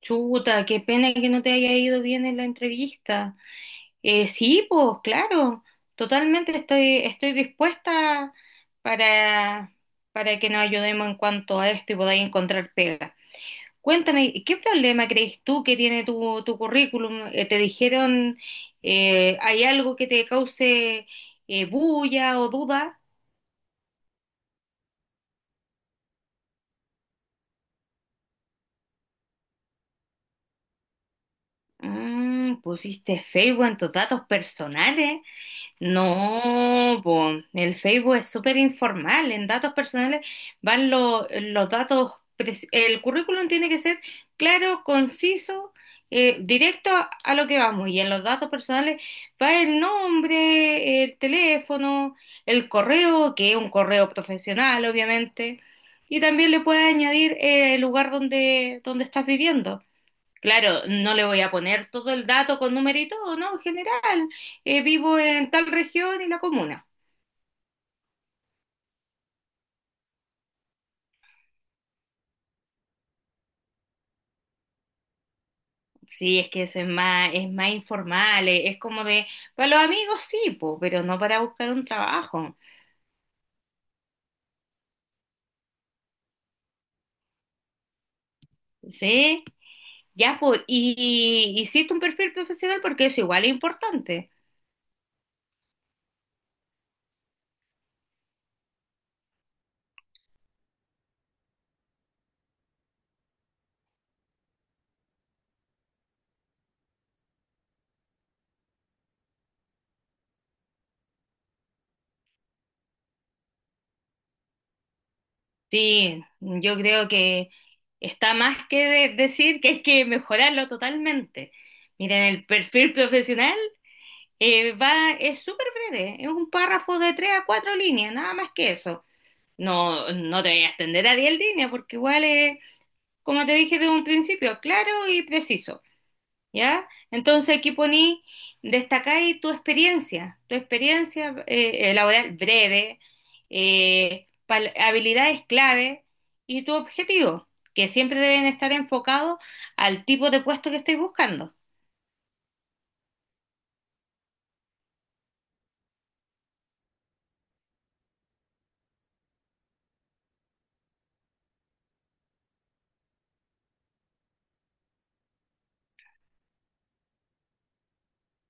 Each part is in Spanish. Chuta, qué pena que no te haya ido bien en la entrevista. Sí, pues claro, totalmente estoy dispuesta para, para que nos ayudemos en cuanto a esto y podáis encontrar pega. Cuéntame, ¿qué problema crees tú que tiene tu currículum? ¿Te dijeron, hay algo que te cause bulla o duda? Pusiste Facebook en tus datos personales. No, po, el Facebook es súper informal. En datos personales van los datos. El currículum tiene que ser claro, conciso, directo a lo que vamos. Y en los datos personales va el nombre, el teléfono, el correo, que es un correo profesional, obviamente. Y también le puedes añadir el lugar donde estás viviendo. Claro, no le voy a poner todo el dato con número y todo, ¿no? En general, vivo en tal región y la comuna. Sí, es que eso es más informal, es como de, para los amigos sí, po, pero no para buscar un trabajo. Sí, ya, pues, y hiciste un perfil profesional porque eso igual es importante. Sí, yo creo que está más que decir que hay que mejorarlo totalmente. Miren, el perfil profesional, va, es súper breve, es un párrafo de tres a cuatro líneas, nada más que eso. No, no te voy a extender a 10 líneas porque igual es, como te dije desde un principio, claro y preciso, ¿ya? Entonces aquí poní, destacáis tu experiencia laboral breve, habilidades clave y tu objetivo, que siempre deben estar enfocados al tipo de puesto que estés buscando.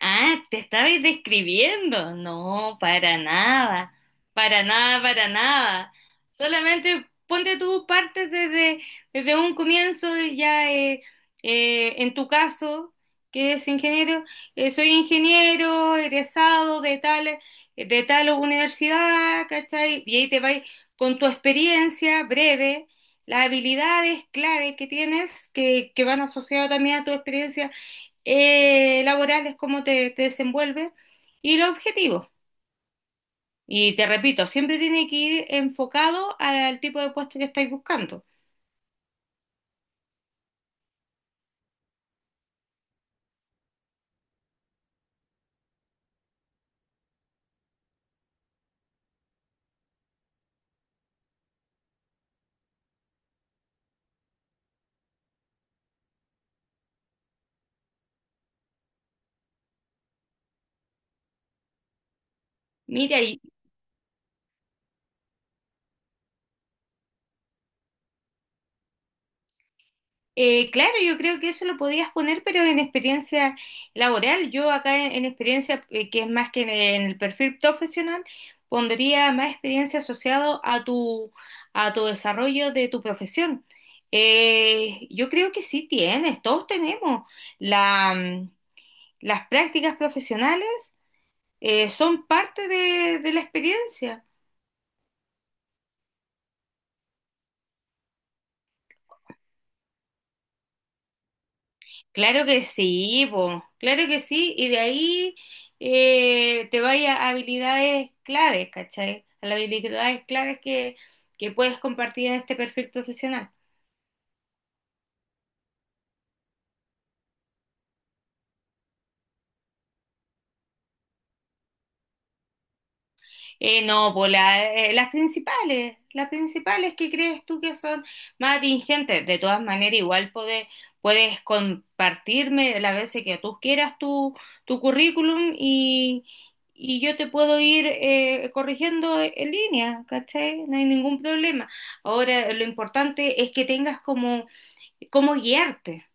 Ah, te estabas describiendo. No, para nada. Para nada, para nada. Solamente ponte tú partes desde un comienzo y ya en tu caso, que es ingeniero, soy ingeniero, egresado de tal universidad, ¿cachai? Y ahí te vas con tu experiencia breve, las habilidades clave que tienes, que van asociadas también a tu experiencia laborales, cómo te desenvuelves y los objetivos. Y te repito, siempre tiene que ir enfocado al tipo de puesto que estáis buscando. Mira, claro, yo creo que eso lo podías poner, pero en experiencia laboral. Yo acá en experiencia, que es más que en el perfil profesional, pondría más experiencia asociado a tu desarrollo de tu profesión. Yo creo que sí tienes, todos tenemos. la mm, Las prácticas profesionales son parte de la experiencia. Claro que sí, po, claro que sí, y de ahí te vaya a habilidades claves, ¿cachai? A las habilidades claves que puedes compartir en este perfil profesional. No, pues las principales que crees tú que son más atingentes. De todas maneras, igual puedes compartirme las veces que tú quieras tu currículum y yo te puedo ir corrigiendo en línea, ¿cachai? No hay ningún problema. Ahora, lo importante es que tengas como guiarte.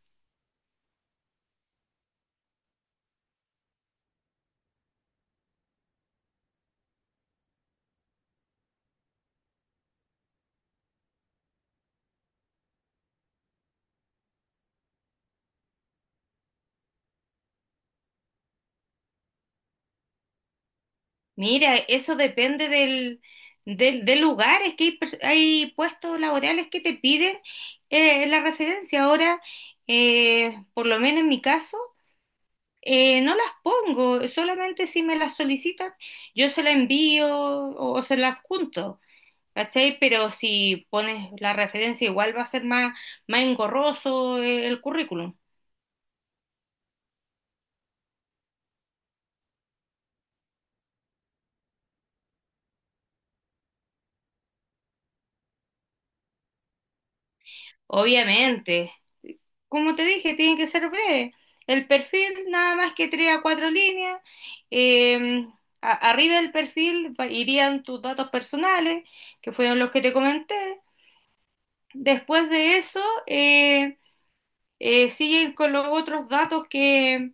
Mira, eso depende del lugar, es que hay puestos laborales que te piden la referencia. Ahora, por lo menos en mi caso, no las pongo, solamente si me las solicitan, yo se la envío o se la adjunto, ¿cachai? Pero si pones la referencia, igual va a ser más engorroso el currículum. Obviamente, como te dije, tiene que ser breve. El perfil, nada más que tres a cuatro líneas. Eh, Arriba del perfil irían tus datos personales, que fueron los que te comenté. Después de eso, siguen con los otros datos que,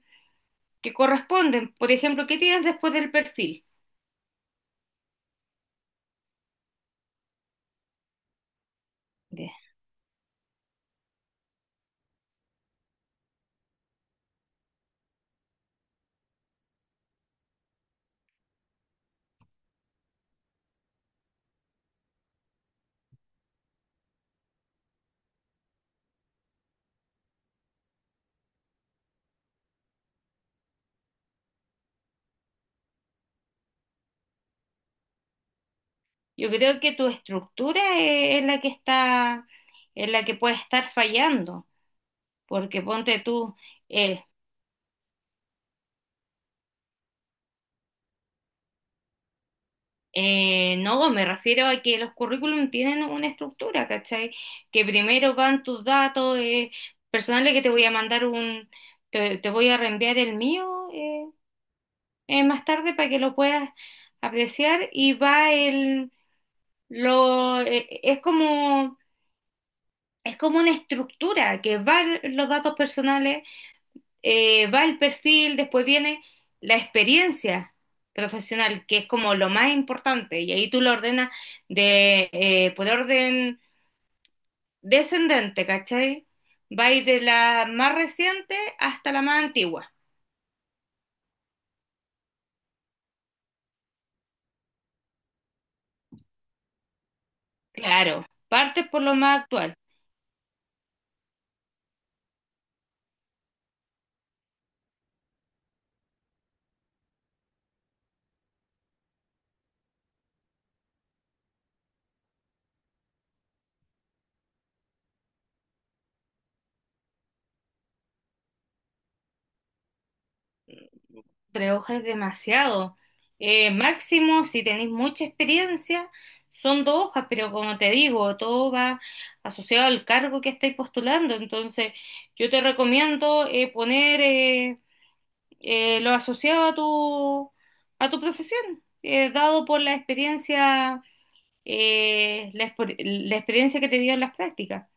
que corresponden. Por ejemplo, ¿qué tienes después del perfil? Ya. Yo creo que tu estructura es la que está, es la que puede estar fallando, porque ponte tú. eh, no, me refiero a que los currículum tienen una estructura, ¿cachai? Que primero van tus datos personales, que te voy a mandar te voy a reenviar el mío más tarde para que lo puedas apreciar, y va el, lo, es como una estructura que va los datos personales, va el perfil, después viene la experiencia profesional, que es como lo más importante, y ahí tú lo ordenas por orden descendente, ¿cachai? Va a ir de la más reciente hasta la más antigua. Claro, partes por lo más actual. Tres hojas es demasiado. Máximo, si tenéis mucha experiencia, son dos hojas, pero como te digo, todo va asociado al cargo que estáis postulando. Entonces, yo te recomiendo poner lo asociado a tu profesión, dado por la experiencia, la experiencia que te dio en las prácticas.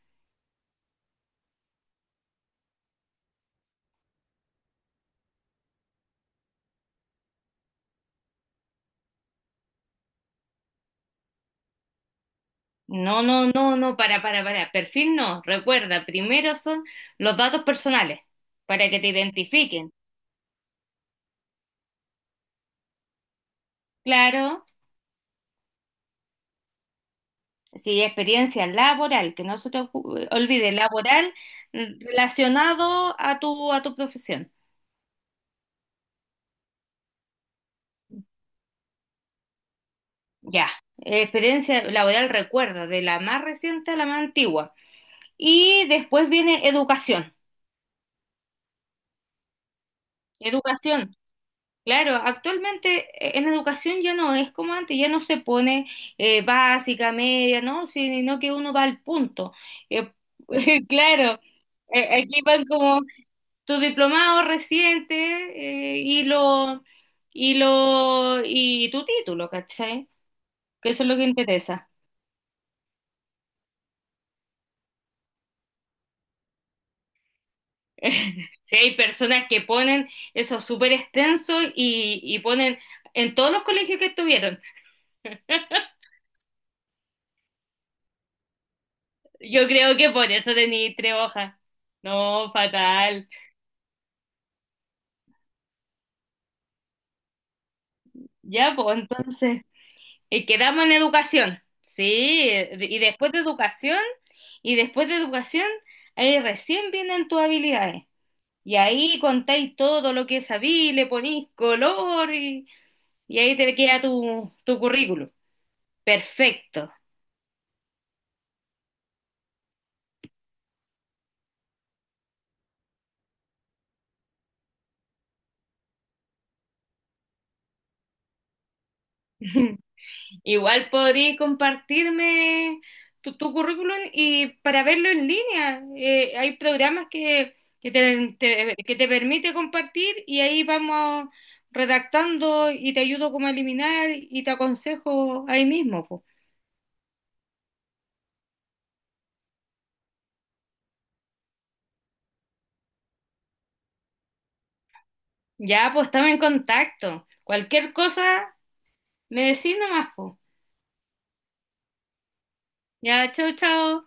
No, no, no, no, para, para. Perfil no. Recuerda, primero son los datos personales para que te identifiquen. Claro, sí, experiencia laboral, que no se te olvide, laboral relacionado a tu profesión. Ya, experiencia laboral, recuerda, de la más reciente a la más antigua. Y después viene educación. Educación, claro, actualmente en educación ya no es como antes, ya no se pone básica, media, ¿no? Sino que uno va al punto. Eh, claro, aquí van como tu diplomado reciente eh, y lo y tu título, ¿cachai? Que eso es lo que interesa. Si hay personas que ponen eso súper extenso y ponen en todos los colegios que estuvieron. Yo creo que por eso tení tres hojas. No, fatal. Ya, pues entonces, quedamos en educación. Sí, y después de educación, ahí recién vienen tus habilidades. Y ahí contáis todo lo que sabí, le ponéis color y ahí te queda tu currículum. Perfecto. Igual podríais compartirme tu currículum y para verlo en línea. Hay programas que que te permite compartir y ahí vamos redactando y te ayudo como a eliminar y te aconsejo ahí mismo, po. Ya, pues estamos en contacto. Cualquier cosa, me decís nomás, po. Ya, chao, chao.